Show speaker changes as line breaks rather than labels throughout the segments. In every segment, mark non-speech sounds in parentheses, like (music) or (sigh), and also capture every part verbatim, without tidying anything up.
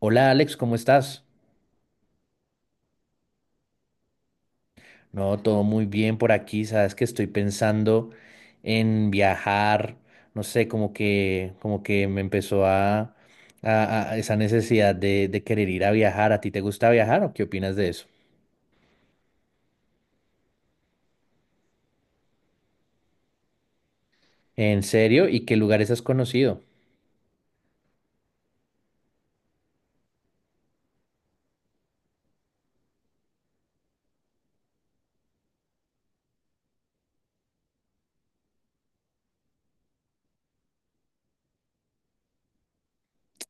Hola Alex, ¿cómo estás? No, todo muy bien por aquí. Sabes que estoy pensando en viajar. No sé, como que, como que me empezó a, a- a esa necesidad de, de querer ir a viajar. ¿A ti te gusta viajar o qué opinas de eso? ¿En serio? ¿Y qué lugares has conocido?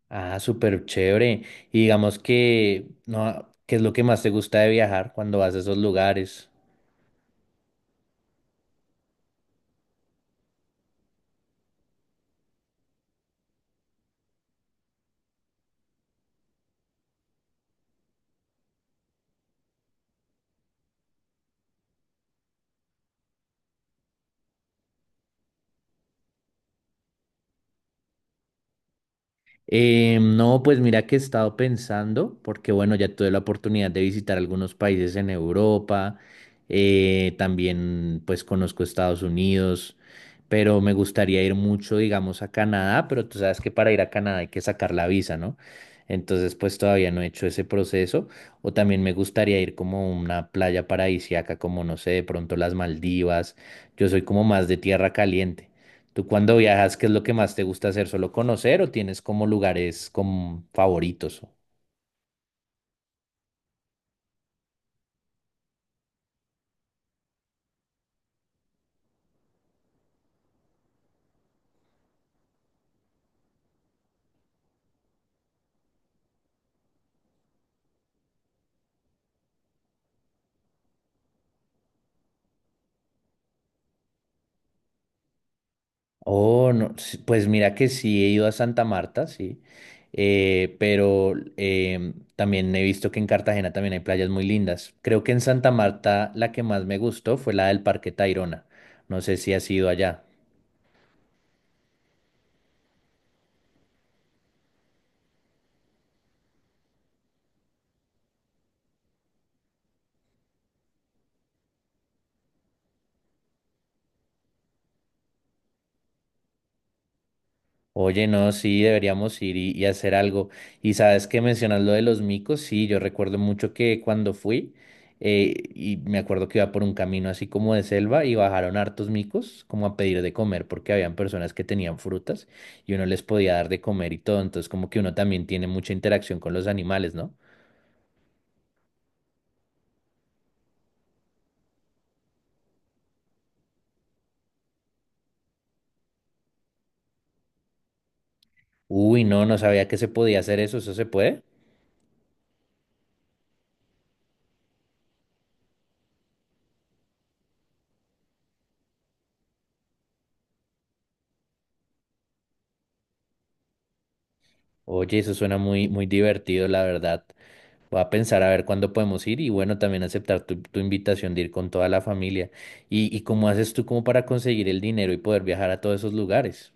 Ah, súper chévere. Y digamos que, no, ¿qué es lo que más te gusta de viajar cuando vas a esos lugares? Eh, no, pues mira que he estado pensando, porque bueno, ya tuve la oportunidad de visitar algunos países en Europa, eh, también pues conozco Estados Unidos, pero me gustaría ir mucho, digamos, a Canadá, pero tú sabes que para ir a Canadá hay que sacar la visa, ¿no? Entonces pues todavía no he hecho ese proceso, o también me gustaría ir como a una playa paradisíaca, como no sé, de pronto las Maldivas, yo soy como más de tierra caliente. ¿Tú cuando viajas, qué es lo que más te gusta hacer? ¿Solo conocer o tienes como lugares como favoritos? Oh, no, sí, pues mira que sí he ido a Santa Marta, sí, eh, pero em, también he visto que en Cartagena también hay playas muy lindas. Creo que en Santa Marta la que más me gustó fue la del Parque Tayrona. No sé si has ido allá. Oye, no, sí, deberíamos ir y, y hacer algo. Y sabes que mencionas lo de los micos, sí, yo recuerdo mucho que cuando fui, eh, y me acuerdo que iba por un camino así como de selva y bajaron hartos micos como a pedir de comer porque habían personas que tenían frutas y uno les podía dar de comer y todo. Entonces como que uno también tiene mucha interacción con los animales, ¿no? Uy, no, no sabía que se podía hacer eso, ¿eso se puede? Oye, eso suena muy, muy divertido, la verdad. Voy a pensar a ver cuándo podemos ir y bueno, también aceptar tu, tu invitación de ir con toda la familia. ¿Y, y cómo haces tú como para conseguir el dinero y poder viajar a todos esos lugares?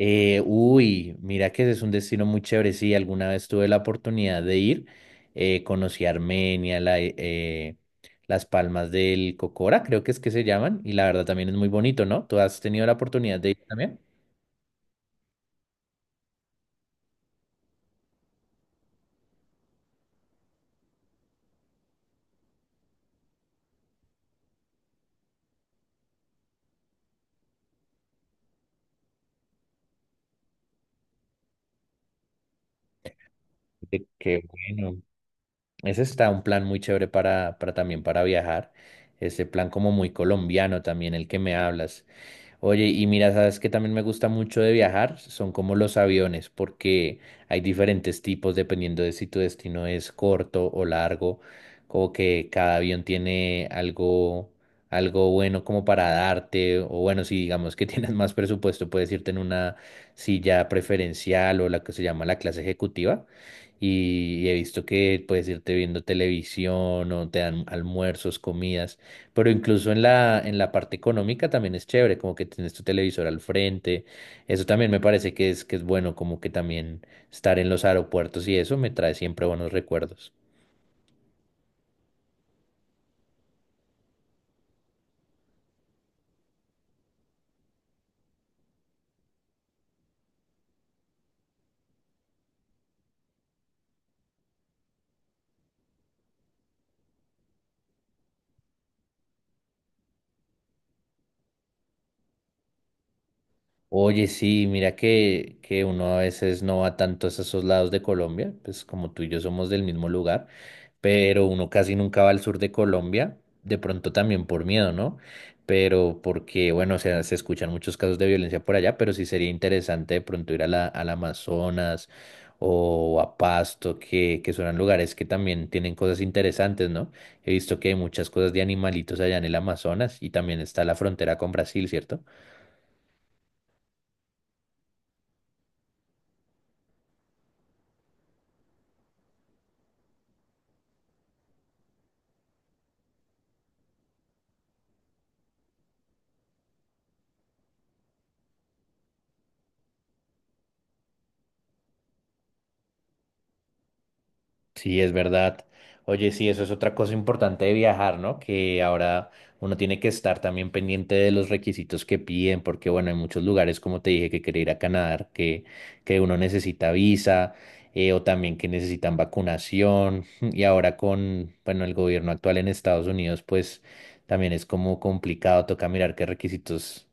Eh, uy, mira que ese es un destino muy chévere. Sí, alguna vez tuve la oportunidad de ir. Eh, conocí Armenia, la, eh, las Palmas del Cocora, creo que es que se llaman. Y la verdad también es muy bonito, ¿no? ¿Tú has tenido la oportunidad de ir también? De- Qué bueno. Ese está un plan muy chévere para, para también para viajar. Ese plan como muy colombiano también, el que me hablas. Oye, y mira, sabes que también me gusta mucho de viajar, son como los aviones, porque hay diferentes tipos dependiendo de si tu destino es corto o largo, como que cada avión tiene algo, algo bueno como para darte, o bueno, si digamos que (laughs) tienes más presupuesto, puedes irte en una silla preferencial o la que se llama la clase ejecutiva. Y y he visto que puedes irte viendo televisión o te dan almuerzos, comidas. Pero incluso en la, en la parte económica también es chévere, como que tienes tu televisor al frente. Eso también me parece que es, que es bueno, como que también estar en los aeropuertos y eso me trae siempre buenos recuerdos. Oye, sí, mira que, que uno a veces no va tanto a esos lados de Colombia, pues como tú y yo somos del mismo lugar, pero uno casi nunca va al sur de Colombia, de pronto también por miedo, ¿no? Pero porque, bueno, o sea, se escuchan muchos casos de violencia por allá, pero sí sería interesante de pronto ir a la, al Amazonas o a Pasto, que, que son lugares que también tienen cosas interesantes, ¿no? He visto que hay muchas cosas de animalitos allá en el Amazonas y también está la frontera con Brasil, ¿cierto? Sí, es verdad. Oye, sí, eso es otra cosa importante de viajar, ¿no? Que ahora uno tiene que estar también pendiente de los requisitos que piden, porque bueno, hay muchos lugares, como te dije, que quiere ir a Canadá, que, que uno necesita visa, eh, o también que necesitan vacunación. (laughs) Y ahora con, bueno, el gobierno actual en Estados Unidos, pues también es como complicado, toca mirar qué requisitos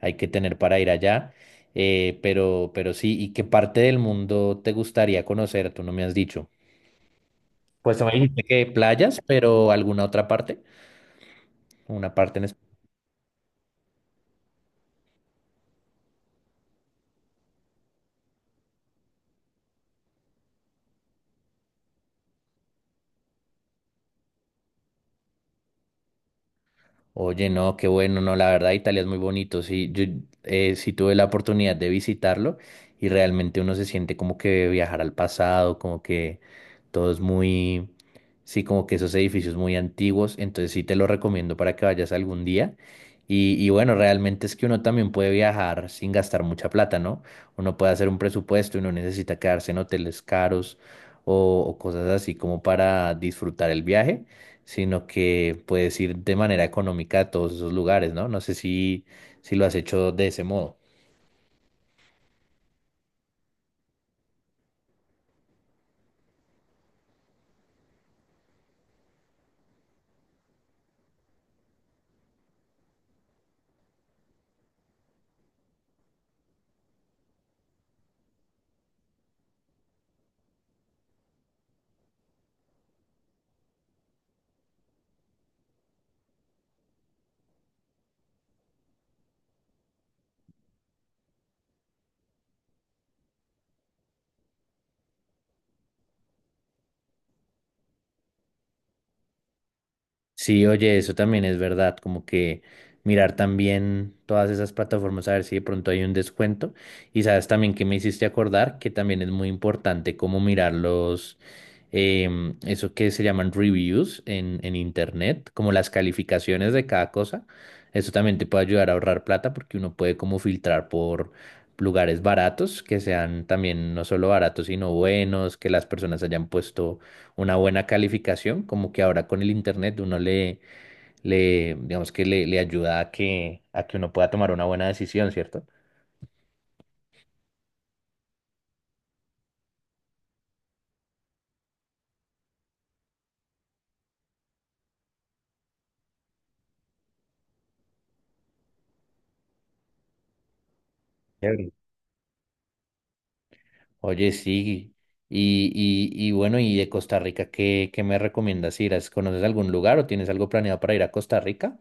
hay que tener para ir allá. Eh, pero, pero sí, ¿y qué parte del mundo te gustaría conocer? Tú no me has dicho. Pues tú me dijiste que playas, pero alguna otra parte, una parte en. Oye, no, qué bueno, no, la verdad Italia es muy bonito, sí, yo eh, sí tuve la oportunidad de visitarlo y realmente uno se siente como que viajar al pasado, como que todo es muy, sí, como que esos edificios muy antiguos, entonces sí te lo recomiendo para que vayas algún día y, y bueno, realmente es que uno también puede viajar sin gastar mucha plata, ¿no? Uno puede hacer un presupuesto y no necesita quedarse en hoteles caros o o cosas así como para disfrutar el viaje sino que puedes ir de manera económica a todos esos lugares, ¿no? No sé si, si lo has hecho de ese modo. Sí, oye, eso también es verdad, como que mirar también todas esas plataformas a ver si de pronto hay un descuento. Y sabes también que me hiciste acordar que también es muy importante como mirar los em, eso que se llaman reviews en, en internet, como las calificaciones de cada cosa. Eso también te puede ayudar a ahorrar plata porque uno puede como filtrar por lugares baratos, que sean también no solo baratos, sino buenos, que las personas hayan puesto una buena calificación, como que ahora con el internet uno le, le digamos que le, le ayuda a que, a que uno pueda tomar una buena decisión, ¿cierto? Oye, sí. Y, y, y bueno, ¿y de Costa Rica qué, qué me recomiendas ir? ¿Has- ¿Conoces algún lugar o tienes algo planeado para ir a Costa Rica?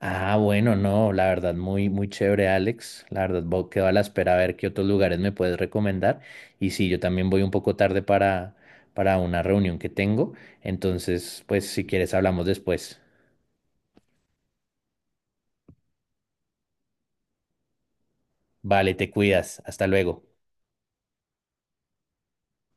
Ah, bueno, no, la verdad, muy, muy chévere, Alex. La verdad, vo- quedo a la espera a ver qué otros lugares me puedes recomendar. Y sí, yo también voy un poco tarde para, para una reunión que tengo. Entonces, pues, si quieres, hablamos después. Vale, te cuidas. Hasta luego.